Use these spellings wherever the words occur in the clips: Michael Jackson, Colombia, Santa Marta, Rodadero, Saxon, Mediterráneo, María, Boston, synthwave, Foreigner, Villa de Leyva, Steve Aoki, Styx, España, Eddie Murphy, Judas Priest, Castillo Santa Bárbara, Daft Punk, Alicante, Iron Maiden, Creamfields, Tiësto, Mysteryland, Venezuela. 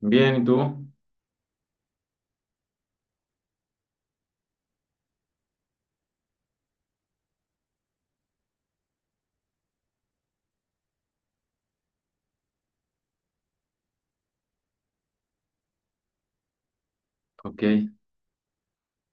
Bien, ¿y tú? Ok.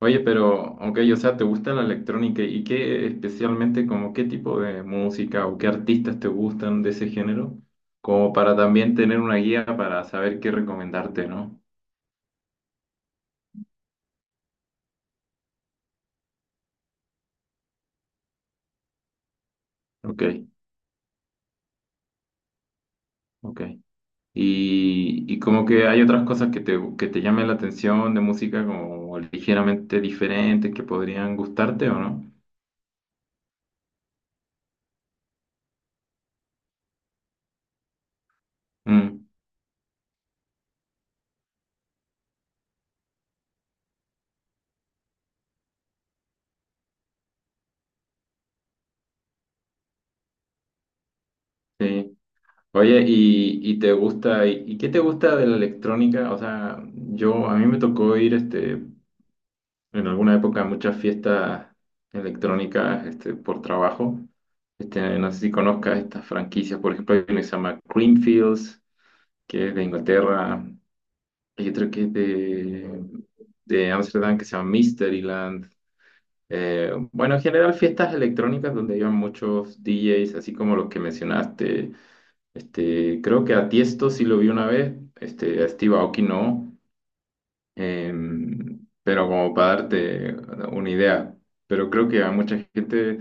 Oye, pero, ok, o sea, ¿te gusta la electrónica? ¿Y qué especialmente, como qué tipo de música o qué artistas te gustan de ese género? Como para también tener una guía para saber qué recomendarte, ¿no? Ok, ok. Y como que hay otras cosas que te llamen la atención de música como ligeramente diferentes que podrían gustarte o no. Mm, sí. Oye, ¿y te gusta, y qué te gusta de la electrónica? O sea, yo, a mí me tocó ir, en alguna época a muchas fiestas electrónicas, por trabajo. No sé si conozcas estas franquicias, por ejemplo, hay una que se llama Creamfields, que es de Inglaterra, hay otra que es de Ámsterdam, que se llama Mysteryland. Bueno, en general fiestas electrónicas donde iban muchos DJs, así como los que mencionaste, creo que a Tiesto sí lo vi una vez, a Steve Aoki no, pero como para darte una idea. Pero creo que a mucha gente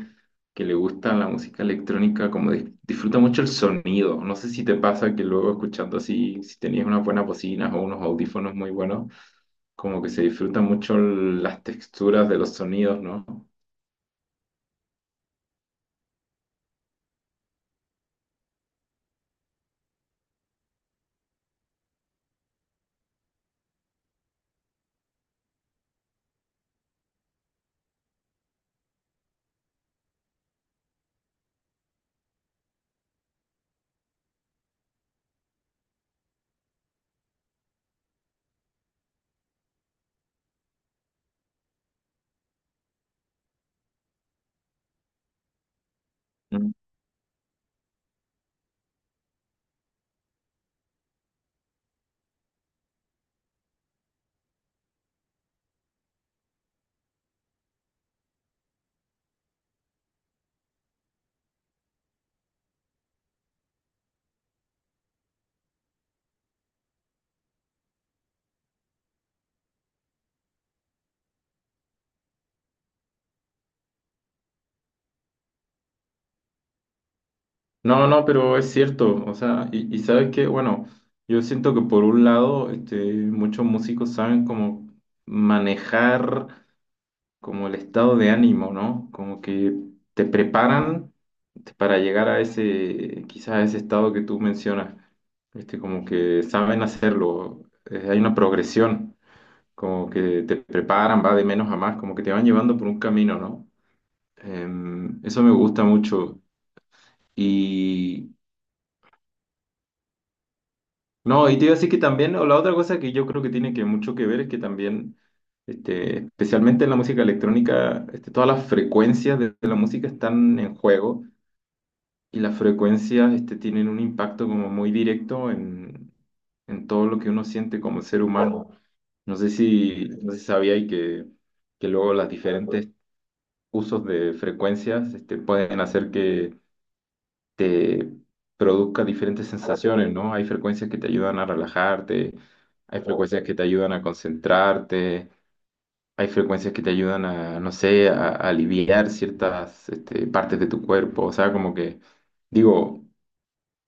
que le gusta la música electrónica como disfruta mucho el sonido. No sé si te pasa que luego escuchando así, si tenías unas buenas bocinas o unos audífonos muy buenos, como que se disfrutan mucho las texturas de los sonidos, ¿no? Mm. No, no, pero es cierto, o sea, y sabes que, bueno, yo siento que por un lado, muchos músicos saben cómo manejar como el estado de ánimo, ¿no? Como que te preparan, para llegar a ese, quizás a ese estado que tú mencionas, como que saben hacerlo. Hay una progresión, como que te preparan, va de menos a más, como que te van llevando por un camino, ¿no? Eso me gusta mucho y... No, y te iba a decir que también, o la otra cosa que yo creo que tiene que mucho que ver es que también, especialmente en la música electrónica, todas las frecuencias de la música están en juego, y las frecuencias, tienen un impacto como muy directo en todo lo que uno siente como ser humano. No sé si, no sé si sabía y que luego las diferentes usos de frecuencias, pueden hacer que te produzca diferentes sensaciones, ¿no? Hay frecuencias que te ayudan a relajarte, hay frecuencias que te ayudan a concentrarte, hay frecuencias que te ayudan a, no sé, a aliviar ciertas partes de tu cuerpo, o sea, como que, digo,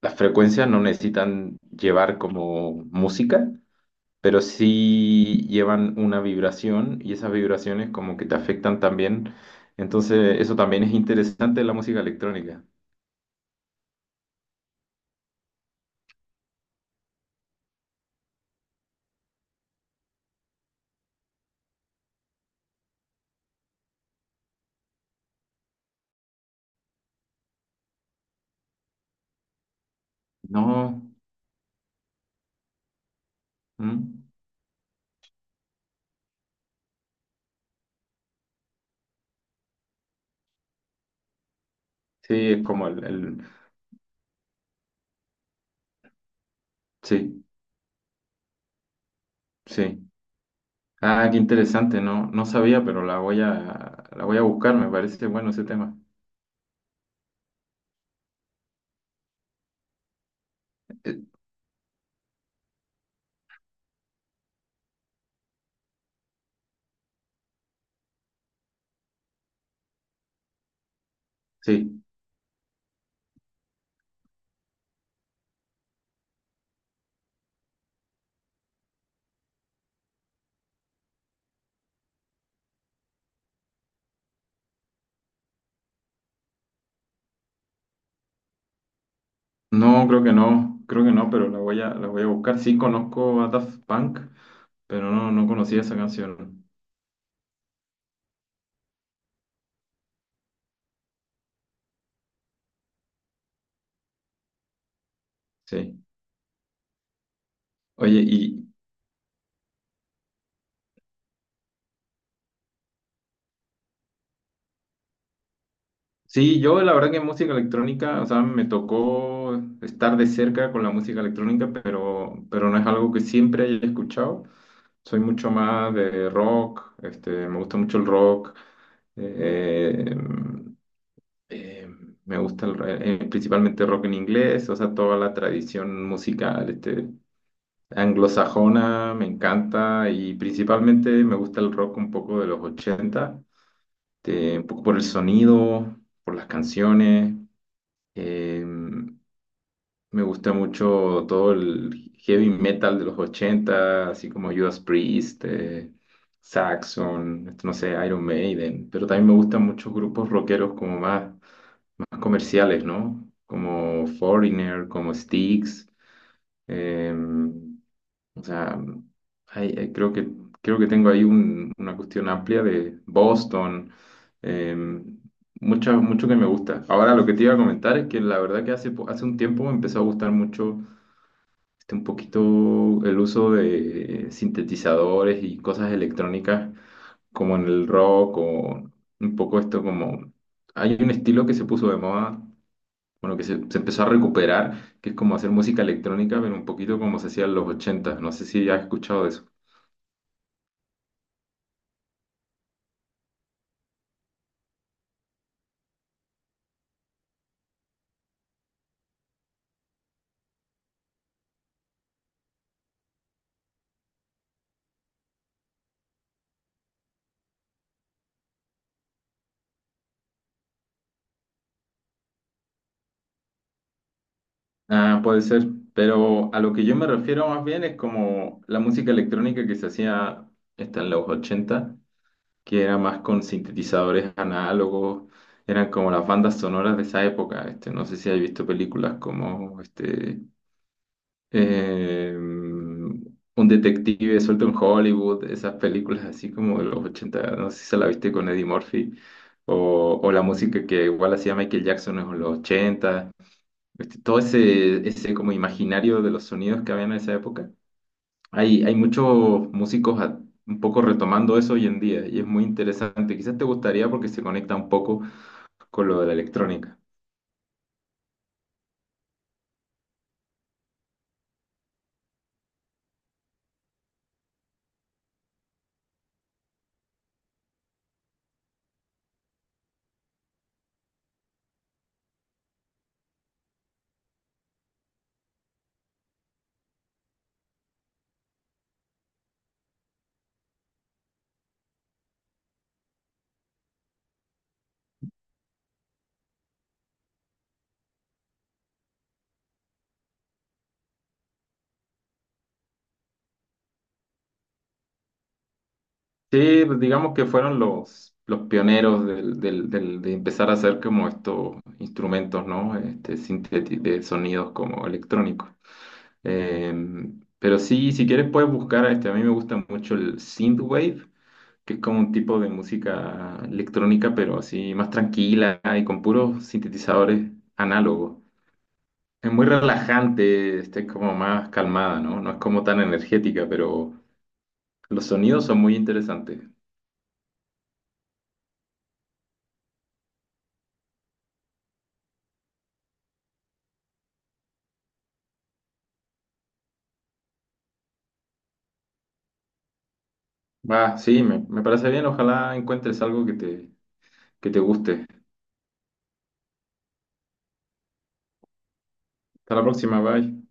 las frecuencias no necesitan llevar como música, pero sí llevan una vibración, y esas vibraciones como que te afectan también. Entonces, eso también es interesante en la música electrónica. No. ¿Mm? Sí, es como el- sí, sí. Ah, qué interesante, no, no sabía, pero la voy a buscar, me parece bueno ese tema. Eh, sí. No, creo que no, creo que no, pero la voy a buscar. Sí, conozco a Daft Punk, pero no, no conocía esa canción. Sí. Oye, y, sí, yo la verdad que música electrónica, o sea, me tocó estar de cerca con la música electrónica, pero no es algo que siempre haya escuchado. Soy mucho más de rock, me gusta mucho el rock, eh, em, eh, me gusta principalmente rock en inglés, o sea, toda la tradición musical, anglosajona, me encanta, y principalmente me gusta el rock un poco de los 80, un poco por el sonido, por las canciones. Eh, Me gusta mucho todo el heavy metal de los 80 así como Judas Priest, Saxon, esto no sé, Iron Maiden, pero también me gustan muchos grupos rockeros como más, más comerciales, ¿no? Como Foreigner, como Styx. eh, o sea, hay- hay- creo que, creo que tengo ahí una cuestión amplia de Boston, eh, mucho que me gusta. Ahora lo que te iba a comentar es que la verdad que hace, hace un tiempo me empezó a gustar mucho un poquito el uso de sintetizadores y cosas electrónicas como en el rock, o un poco esto como... Hay un estilo que se puso de moda, bueno, que se empezó a recuperar, que es como hacer música electrónica, pero un poquito como se hacía en los ochenta. No sé si has escuchado de eso. Ah, puede ser, pero a lo que yo me refiero más bien es como la música electrónica que se hacía está en los 80, que era más con sintetizadores análogos, eran como las bandas sonoras de esa época. Este, no sé si has visto películas como este Un detective suelto en Hollywood, esas películas así como de los 80. No sé si se la viste con Eddie Murphy, o la música que igual hacía Michael Jackson en los ochenta, todo ese, ese como imaginario de los sonidos que había en esa época. Hay muchos músicos un poco retomando eso hoy en día, y es muy interesante. Quizás te gustaría porque se conecta un poco con lo de la electrónica. Sí, pues digamos que fueron los pioneros de empezar a hacer como estos instrumentos, ¿no? Este, de sonidos como electrónicos. Pero sí, si quieres puedes buscar, a mí me gusta mucho el synthwave, que es como un tipo de música electrónica, pero así más tranquila y con puros sintetizadores análogos. Es muy relajante, como más calmada, ¿no? No es como tan energética, pero los sonidos son muy interesantes. Va, sí, me parece bien. Ojalá encuentres algo que te guste. Hasta la próxima, bye.